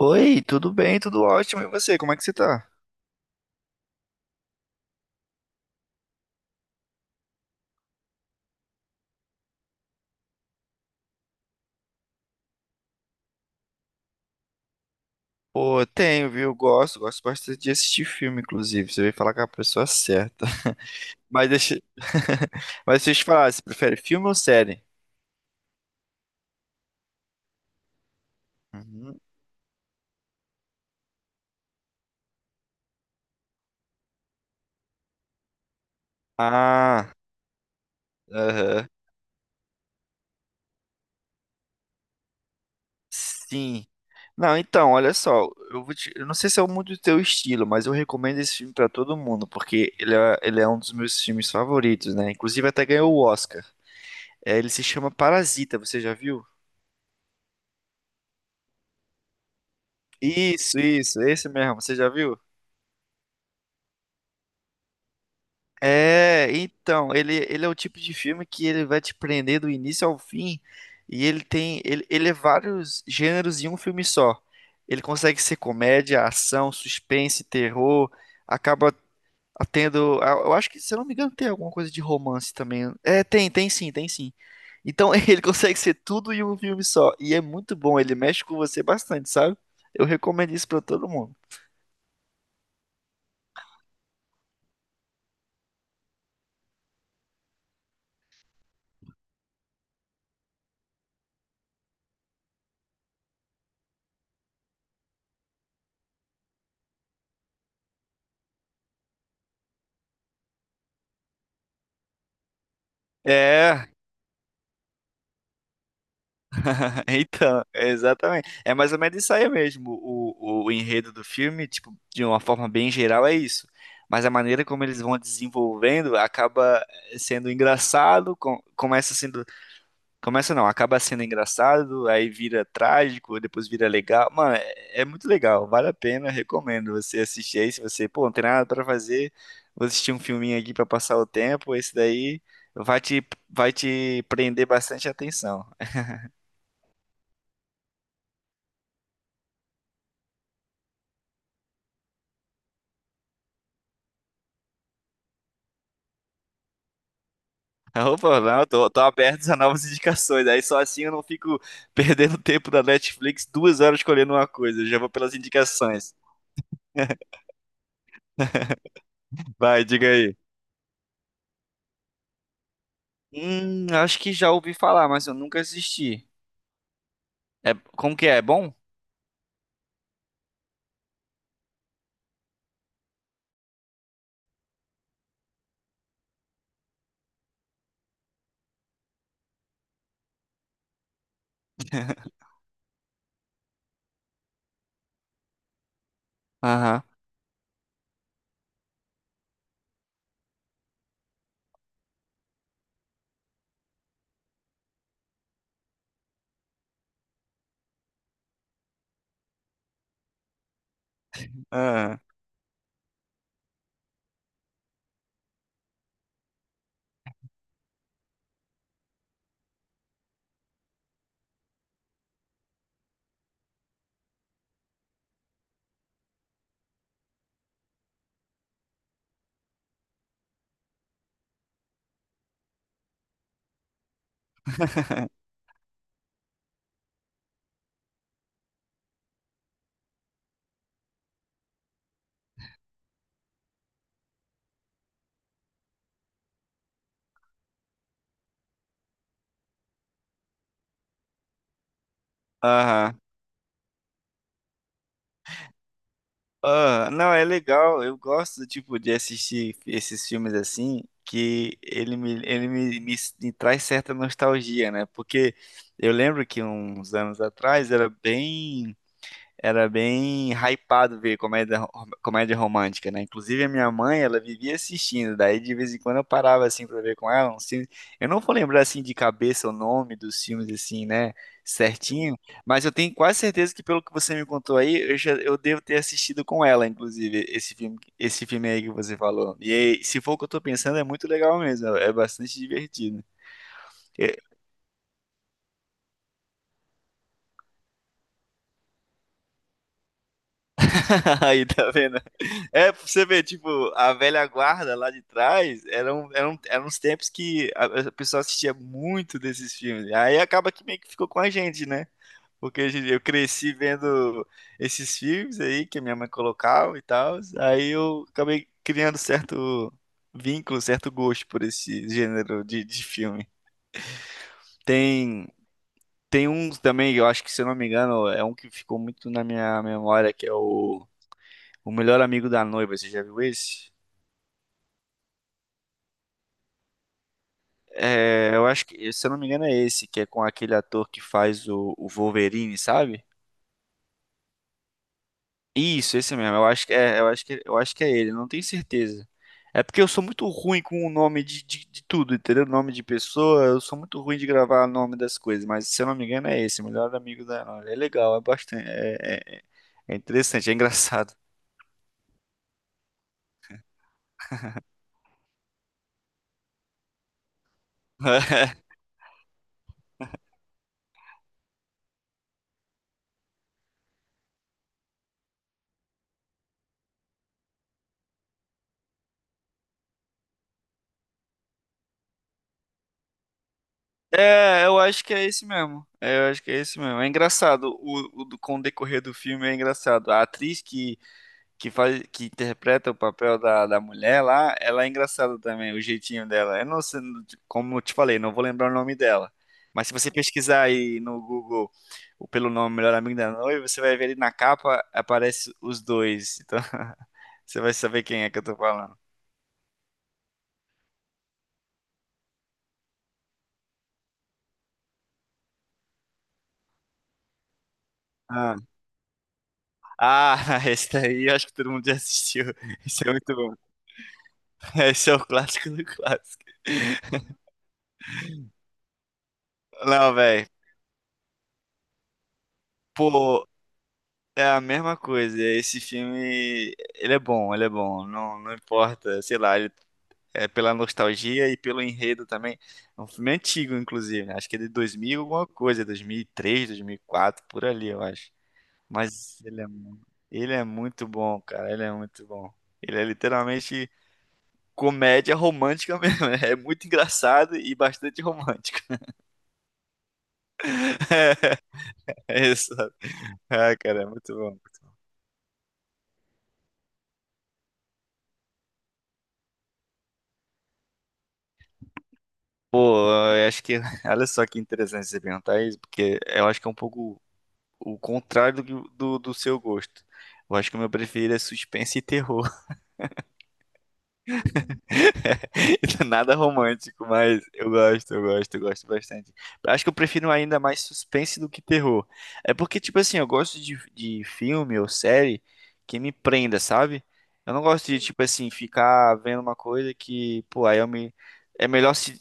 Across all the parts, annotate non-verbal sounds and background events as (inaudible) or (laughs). Oi, tudo bem? Tudo ótimo. E você, como é que você tá? Pô, tenho, viu? Gosto bastante de assistir filme, inclusive. Você veio falar com a pessoa certa. (laughs) Mas deixa... (laughs) Mas deixa eu te falar, você prefere filme ou série? Uhum. Ah, aham. Sim. Não, então, olha só, eu não sei se é muito do teu estilo, mas eu recomendo esse filme pra todo mundo, porque ele é um dos meus filmes favoritos, né? Inclusive até ganhou o Oscar. É, ele se chama Parasita, você já viu? Isso, esse mesmo, você já viu? É, então, ele é o tipo de filme que ele vai te prender do início ao fim e ele é vários gêneros em um filme só. Ele consegue ser comédia, ação, suspense, terror, acaba tendo, eu acho que, se eu não me engano, tem alguma coisa de romance também. É, tem sim, tem sim. Então, (laughs) ele consegue ser tudo em um filme só e é muito bom, ele mexe com você bastante, sabe? Eu recomendo isso pra todo mundo. É, (laughs) então, exatamente. É mais ou menos isso aí mesmo. O enredo do filme, tipo, de uma forma bem geral, é isso. Mas a maneira como eles vão desenvolvendo acaba sendo engraçado, começa sendo. Começa não, acaba sendo engraçado, aí vira trágico, depois vira legal. Mano, é muito legal, vale a pena, recomendo você assistir aí. Se você, pô, não tem nada pra fazer, vou assistir um filminho aqui pra passar o tempo, esse daí vai te prender bastante atenção. (laughs) Opa, não, tô aberto a novas indicações. Aí só assim eu não fico (laughs) perdendo tempo da Netflix 2 horas escolhendo uma coisa. Eu já vou pelas indicações. (laughs) Vai, diga aí. Acho que já ouvi falar, mas eu nunca assisti. É, como que é? É bom? (laughs) Aham. Aham. Aham. Ah, não, é legal. Eu gosto, tipo, de assistir esses filmes assim, que ele me traz certa nostalgia, né? Porque eu lembro que uns anos atrás era bem hypado ver comédia, comédia romântica, né? Inclusive a minha mãe, ela vivia assistindo, daí de vez em quando eu parava assim pra ver com ela uns filmes. Eu não vou lembrar assim de cabeça o nome dos filmes assim, né, certinho, mas eu tenho quase certeza que, pelo que você me contou aí, eu devo ter assistido com ela, inclusive, esse filme aí que você falou. E aí, se for o que eu tô pensando, é muito legal mesmo, é bastante divertido. (laughs) Aí, tá vendo? É, pra você ver, tipo, a velha guarda lá de trás, eram uns tempos que a pessoa assistia muito desses filmes. Aí acaba que meio que ficou com a gente, né? Porque eu cresci vendo esses filmes aí que a minha mãe colocava e tal. Aí eu acabei criando certo vínculo, certo gosto por esse gênero de filme. Tem, tem uns também, eu acho que, se eu não me engano, é um que ficou muito na minha memória, que é o Melhor Amigo da Noiva. Você já viu esse? É, eu acho que, se eu não me engano, é esse, que é com aquele ator que faz o Wolverine, sabe? Isso, esse mesmo. Eu acho que é, eu acho que é ele, não tenho certeza. É porque eu sou muito ruim com o nome de tudo, entendeu? Nome de pessoa, eu sou muito ruim de gravar o nome das coisas, mas se eu não me engano é esse, Melhor Amigo da Nora. É legal, é bastante, é interessante, é engraçado. (laughs) É, eu acho que é esse mesmo. É, eu acho que é esse mesmo. É engraçado, com o decorrer do filme é engraçado. A atriz que interpreta o papel da mulher lá, ela é engraçada também, o jeitinho dela. Eu não sei, como eu te falei, não vou lembrar o nome dela. Mas se você pesquisar aí no Google pelo nome Melhor Amigo da Noiva, você vai ver ali na capa aparece os dois. Então, (laughs) você vai saber quem é que eu tô falando. Ah, ah, (laughs) esse daí eu acho que todo mundo já assistiu. (laughs) Esse é muito bom. Esse é o clássico do clássico. Não, velho. Pô, é a mesma coisa. Esse filme, ele é bom, ele é bom. Não, não importa, sei lá, é pela nostalgia e pelo enredo também. É um filme antigo, inclusive, né? Acho que é de 2000 alguma coisa, 2003, 2004, por ali, eu acho. Mas ele é muito bom, cara, ele é muito bom. Ele é literalmente comédia romântica mesmo. (laughs) É muito engraçado e bastante romântico. (laughs) É, isso. Ah, cara, é muito bom. Pô, eu acho que, (laughs) olha só que interessante você perguntar isso, porque eu acho que é um pouco o contrário do seu gosto. Eu acho que o meu preferido é suspense e terror. (laughs) Nada romântico, mas eu gosto bastante. Eu acho que eu prefiro ainda mais suspense do que terror. É porque, tipo assim, eu gosto de filme ou série que me prenda, sabe? Eu não gosto de, tipo assim, ficar vendo uma coisa que, pô, aí eu me. É melhor se.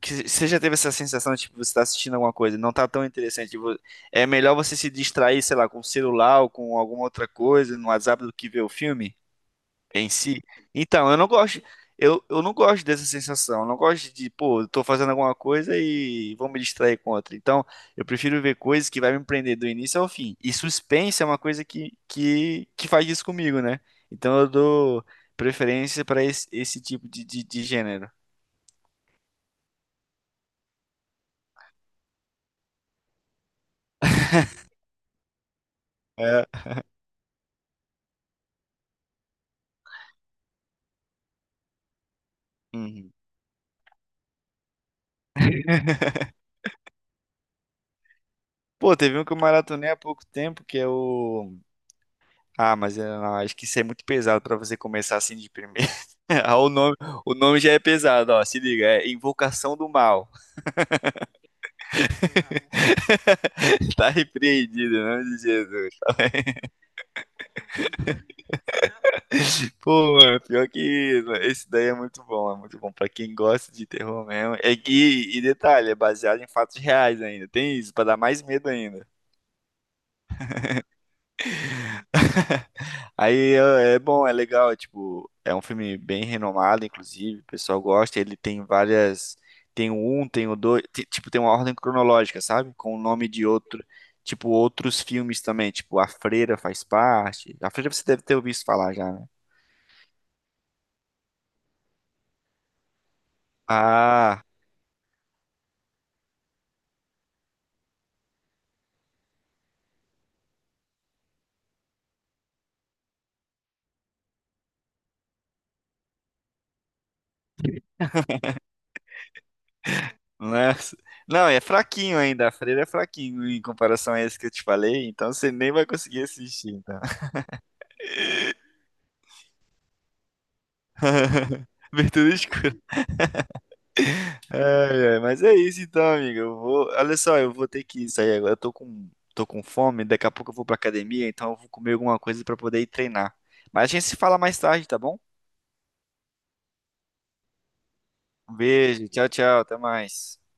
Que você já teve essa sensação de tipo, você tá assistindo alguma coisa, e não tá tão interessante. Tipo, é melhor você se distrair, sei lá, com o celular ou com alguma outra coisa no WhatsApp do que ver o filme em si. Então, eu não gosto, eu não gosto dessa sensação. Eu não gosto de, pô, eu tô fazendo alguma coisa e vou me distrair com outra. Então, eu prefiro ver coisas que vai me prender do início ao fim. E suspense é uma coisa que faz isso comigo, né? Então eu dou preferência para esse tipo de gênero. É. Uhum. (laughs) Pô, teve um que eu maratonei há pouco tempo, que é o. Ah, mas eu não, acho que isso é muito pesado pra você começar assim de primeira. (laughs) Ah, o nome, já é pesado, ó. Se liga, é Invocação do Mal. (laughs) Tá repreendido, em nome de Jesus. Pô, mano, pior que isso. Esse daí é muito bom pra quem gosta de terror mesmo. E detalhe, é baseado em fatos reais ainda. Tem isso, pra dar mais medo ainda. (laughs) Aí é bom, é legal, é, tipo, é um filme bem renomado, inclusive, o pessoal gosta, ele tem várias, tem o um, tem o dois, tipo, tem uma ordem cronológica, sabe? Com o nome de outro, tipo, outros filmes também, tipo, A Freira faz parte. A Freira você deve ter ouvido falar já, né? Ah, né? (laughs) Não, é fraquinho ainda, A Freira é fraquinho em comparação a esse que eu te falei, então você nem vai conseguir assistir, então. (laughs) Abertura escura. Ai, ai, mas é isso então, amiga. Eu vou, olha só, eu vou ter que sair agora. Eu tô com fome, daqui a pouco eu vou pra academia, então eu vou comer alguma coisa pra poder ir treinar. Mas a gente se fala mais tarde, tá bom? Um beijo, tchau, tchau, até mais.